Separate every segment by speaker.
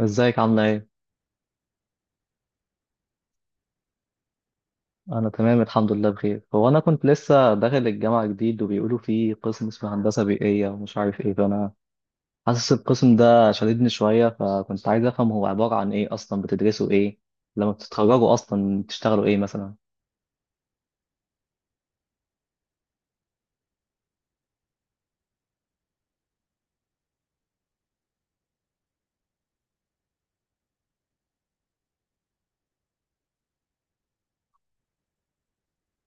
Speaker 1: ازيك عاملة ايه؟ أنا تمام الحمد لله بخير. هو أنا كنت لسه داخل الجامعة جديد وبيقولوا فيه قسم اسمه هندسة بيئية ومش عارف ايه، فأنا حاسس القسم ده شددني شوية، فكنت عايز أفهم هو عبارة عن ايه أصلا، بتدرسوا ايه؟ لما بتتخرجوا أصلا بتشتغلوا ايه مثلا؟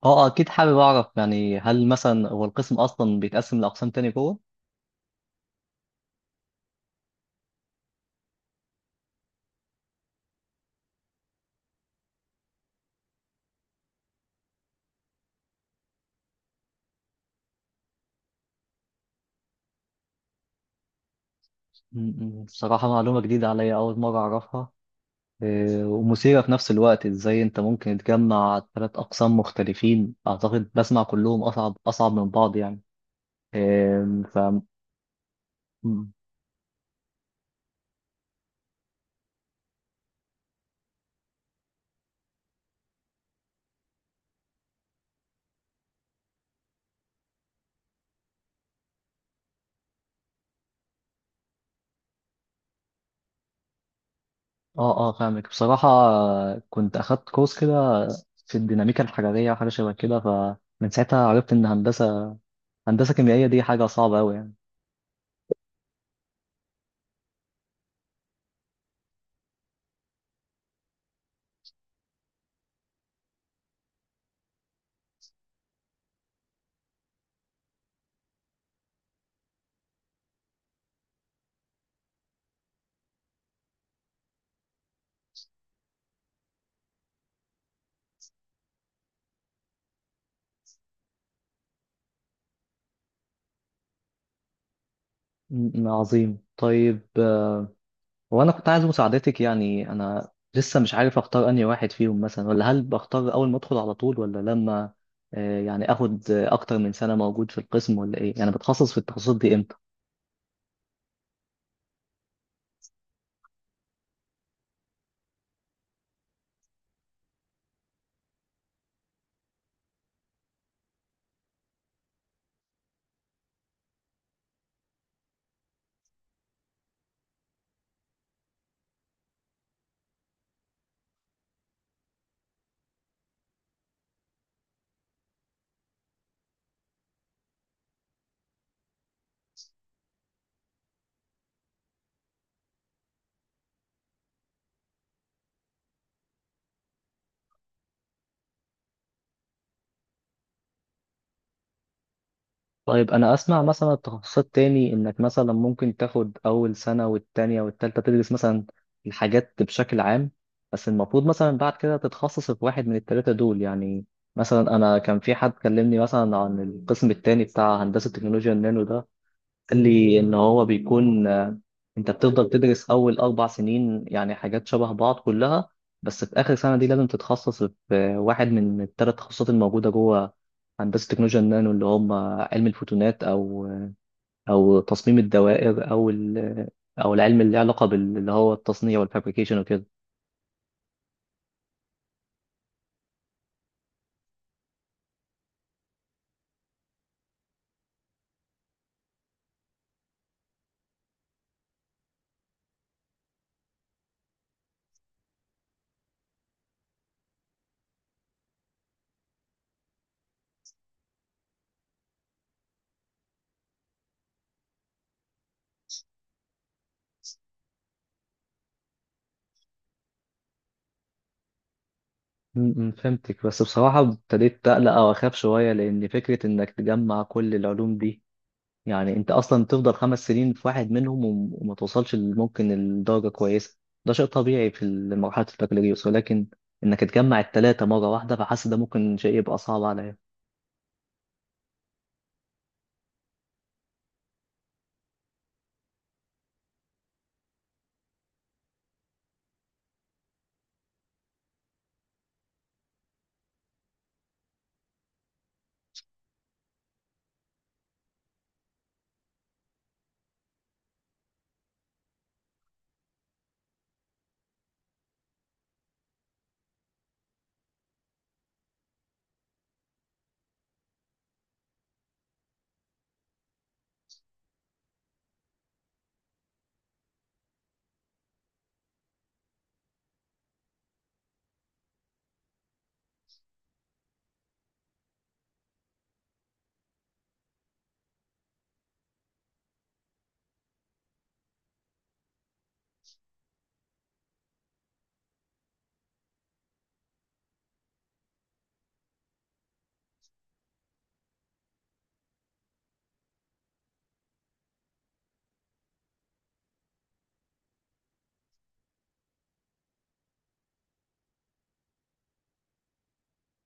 Speaker 1: اه أكيد حابب أعرف، يعني هل مثلا هو القسم أصلا بيتقسم لأقسام تاني جوه؟ م- م، بصراحة معلومة جديدة عليا، أول مرة أعرفها. ومثيرة في نفس الوقت، ازاي انت ممكن تجمع ثلاث اقسام مختلفين، اعتقد بسمع كلهم اصعب اصعب من بعض يعني. آم، ف م. اه اه، فاهمك. بصراحة كنت اخدت كورس كده في الديناميكا الحرارية، حاجة شبه كده، فمن ساعتها عرفت ان هندسة كيميائية دي حاجة صعبة أوي يعني. عظيم. طيب وانا كنت عايز مساعدتك، يعني انا لسه مش عارف اختار انهي واحد فيهم مثلا، ولا هل بختار اول ما ادخل على طول، ولا لما يعني اخد اكتر من سنة موجود في القسم ولا ايه؟ يعني بتخصص في التخصصات دي امتى؟ طيب انا اسمع مثلا التخصصات تاني، انك مثلا ممكن تاخد اول سنة والتانية والتالتة تدرس مثلا الحاجات بشكل عام، بس المفروض مثلا بعد كده تتخصص في واحد من التلاتة دول يعني. مثلا انا كان في حد كلمني مثلا عن القسم التاني بتاع هندسة تكنولوجيا النانو ده، قال لي ان هو بيكون انت بتفضل تدرس اول اربع سنين يعني حاجات شبه بعض كلها، بس في اخر سنه دي لازم تتخصص في واحد من الثلاث تخصصات الموجوده جوه هندسه تكنولوجيا النانو، اللي هم علم الفوتونات او تصميم الدوائر او او العلم اللي له علاقه اللي هو التصنيع والفابريكيشن وكده. م- م، فهمتك. بس بصراحه ابتديت اقلق او اخاف شويه، لان فكره انك تجمع كل العلوم دي، يعني انت اصلا تفضل خمس سنين في واحد منهم وما توصلش ممكن لدرجه كويسه، ده شيء طبيعي في مرحله البكالوريوس، ولكن انك تجمع الثلاثه مره واحده، فحاسس ده ممكن شيء يبقى صعب عليا.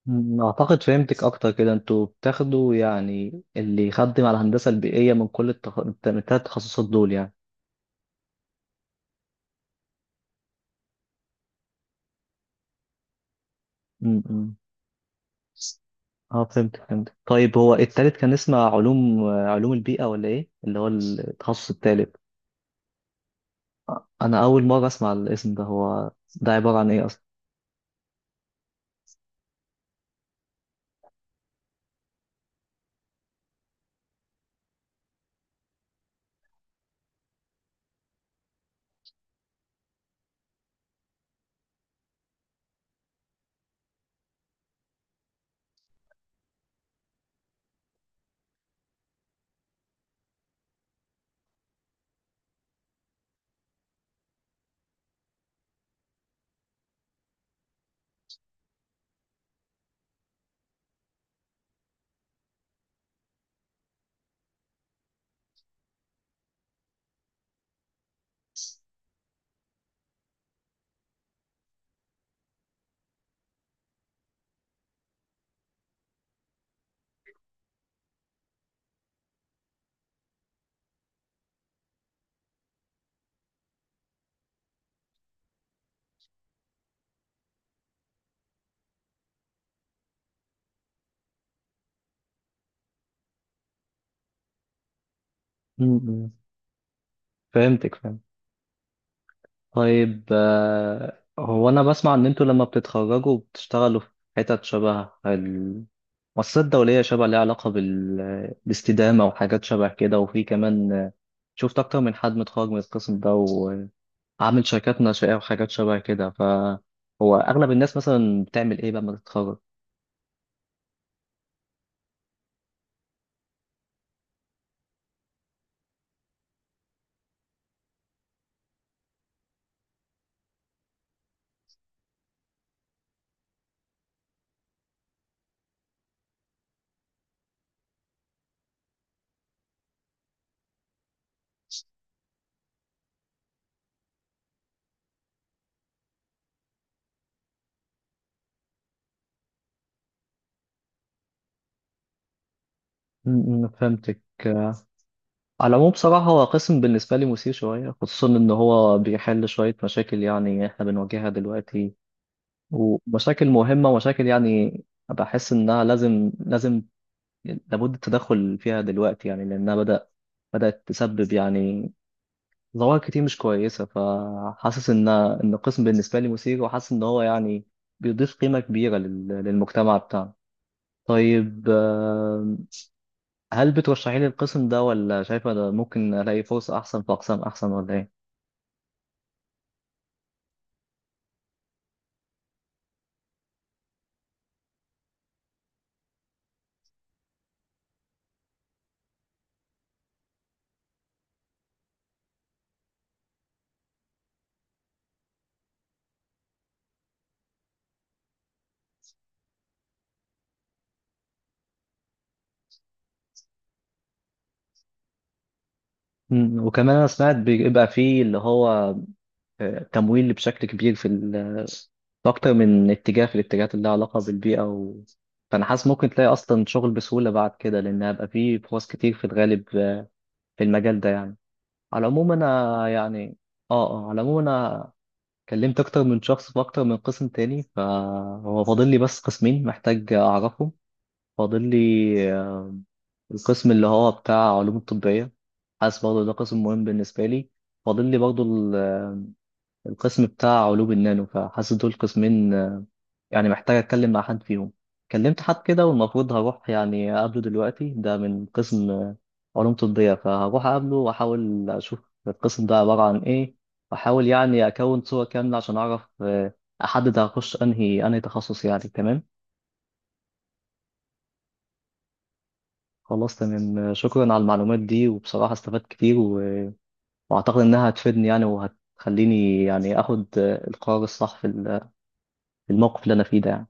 Speaker 1: مم، اعتقد فهمتك اكتر كده. انتوا بتاخدوا يعني اللي يخدم على الهندسه البيئيه من كل التخ... من الثلاث تخصصات دول يعني. امم، اه فهمت فهمت. طيب هو التالت كان اسمه علوم، علوم البيئه، ولا ايه اللي هو التخصص التالت؟ انا اول مره اسمع الاسم ده، هو ده عباره عن ايه؟ م- م. فهمتك فهمت. طيب هو انا بسمع ان انتوا لما بتتخرجوا بتشتغلوا في حتت شبه المؤسسات الدولية، شبه ليها علاقة بال... بالاستدامة وحاجات شبه كده، وفي كمان شفت أكتر من حد متخرج من القسم ده وعامل شركات ناشئة وحاجات شبه كده، فهو أغلب الناس مثلا بتعمل إيه لما تتخرج؟ م- م، فهمتك. على العموم بصراحة هو قسم بالنسبة لي مثير شوية، خصوصا إن هو بيحل شوية مشاكل يعني إحنا بنواجهها دلوقتي، ومشاكل مهمة، مشاكل يعني بحس إنها لازم لابد التدخل فيها دلوقتي، يعني لأنها بدأت تسبب يعني ظواهر كتير مش كويسة، فحاسس إن القسم بالنسبة لي مثير، وحاسس إن هو يعني بيضيف قيمة كبيرة للمجتمع بتاعنا. طيب هل بترشحي لي القسم ده، ولا شايفة ده ممكن ألاقي فرصة أحسن في أقسام أحسن ولا إيه؟ مم، وكمان أنا سمعت بيبقى فيه اللي هو تمويل بشكل كبير في في اكتر من اتجاه، في الاتجاهات اللي لها علاقه بالبيئه و... فانا حاسس ممكن تلاقي اصلا شغل بسهوله بعد كده، لان هيبقى فيه فرص كتير في الغالب في المجال ده يعني. على العموم انا يعني اه اه، على العموم انا كلمت اكتر من شخص في اكتر من قسم تاني، فهو فاضل لي بس قسمين محتاج اعرفهم. فاضل لي آه، القسم اللي هو بتاع علوم الطبيه، حاسس برضه ده قسم مهم بالنسبه لي، فاضل لي برضه القسم بتاع علوم النانو، فحاسس دول قسمين يعني محتاج اتكلم مع حد فيهم. كلمت حد كده والمفروض هروح يعني اقابله دلوقتي، ده من قسم علوم طبية، فهروح اقابله واحاول اشوف القسم ده عبارة عن ايه، واحاول يعني اكون صورة كاملة عشان اعرف احدد هخش انهي تخصص يعني. تمام خلاص تمام. شكرا على المعلومات دي، وبصراحة استفدت كتير و... واعتقد انها هتفيدني يعني، وهتخليني يعني اخد القرار الصح في في الموقف اللي انا فيه ده يعني.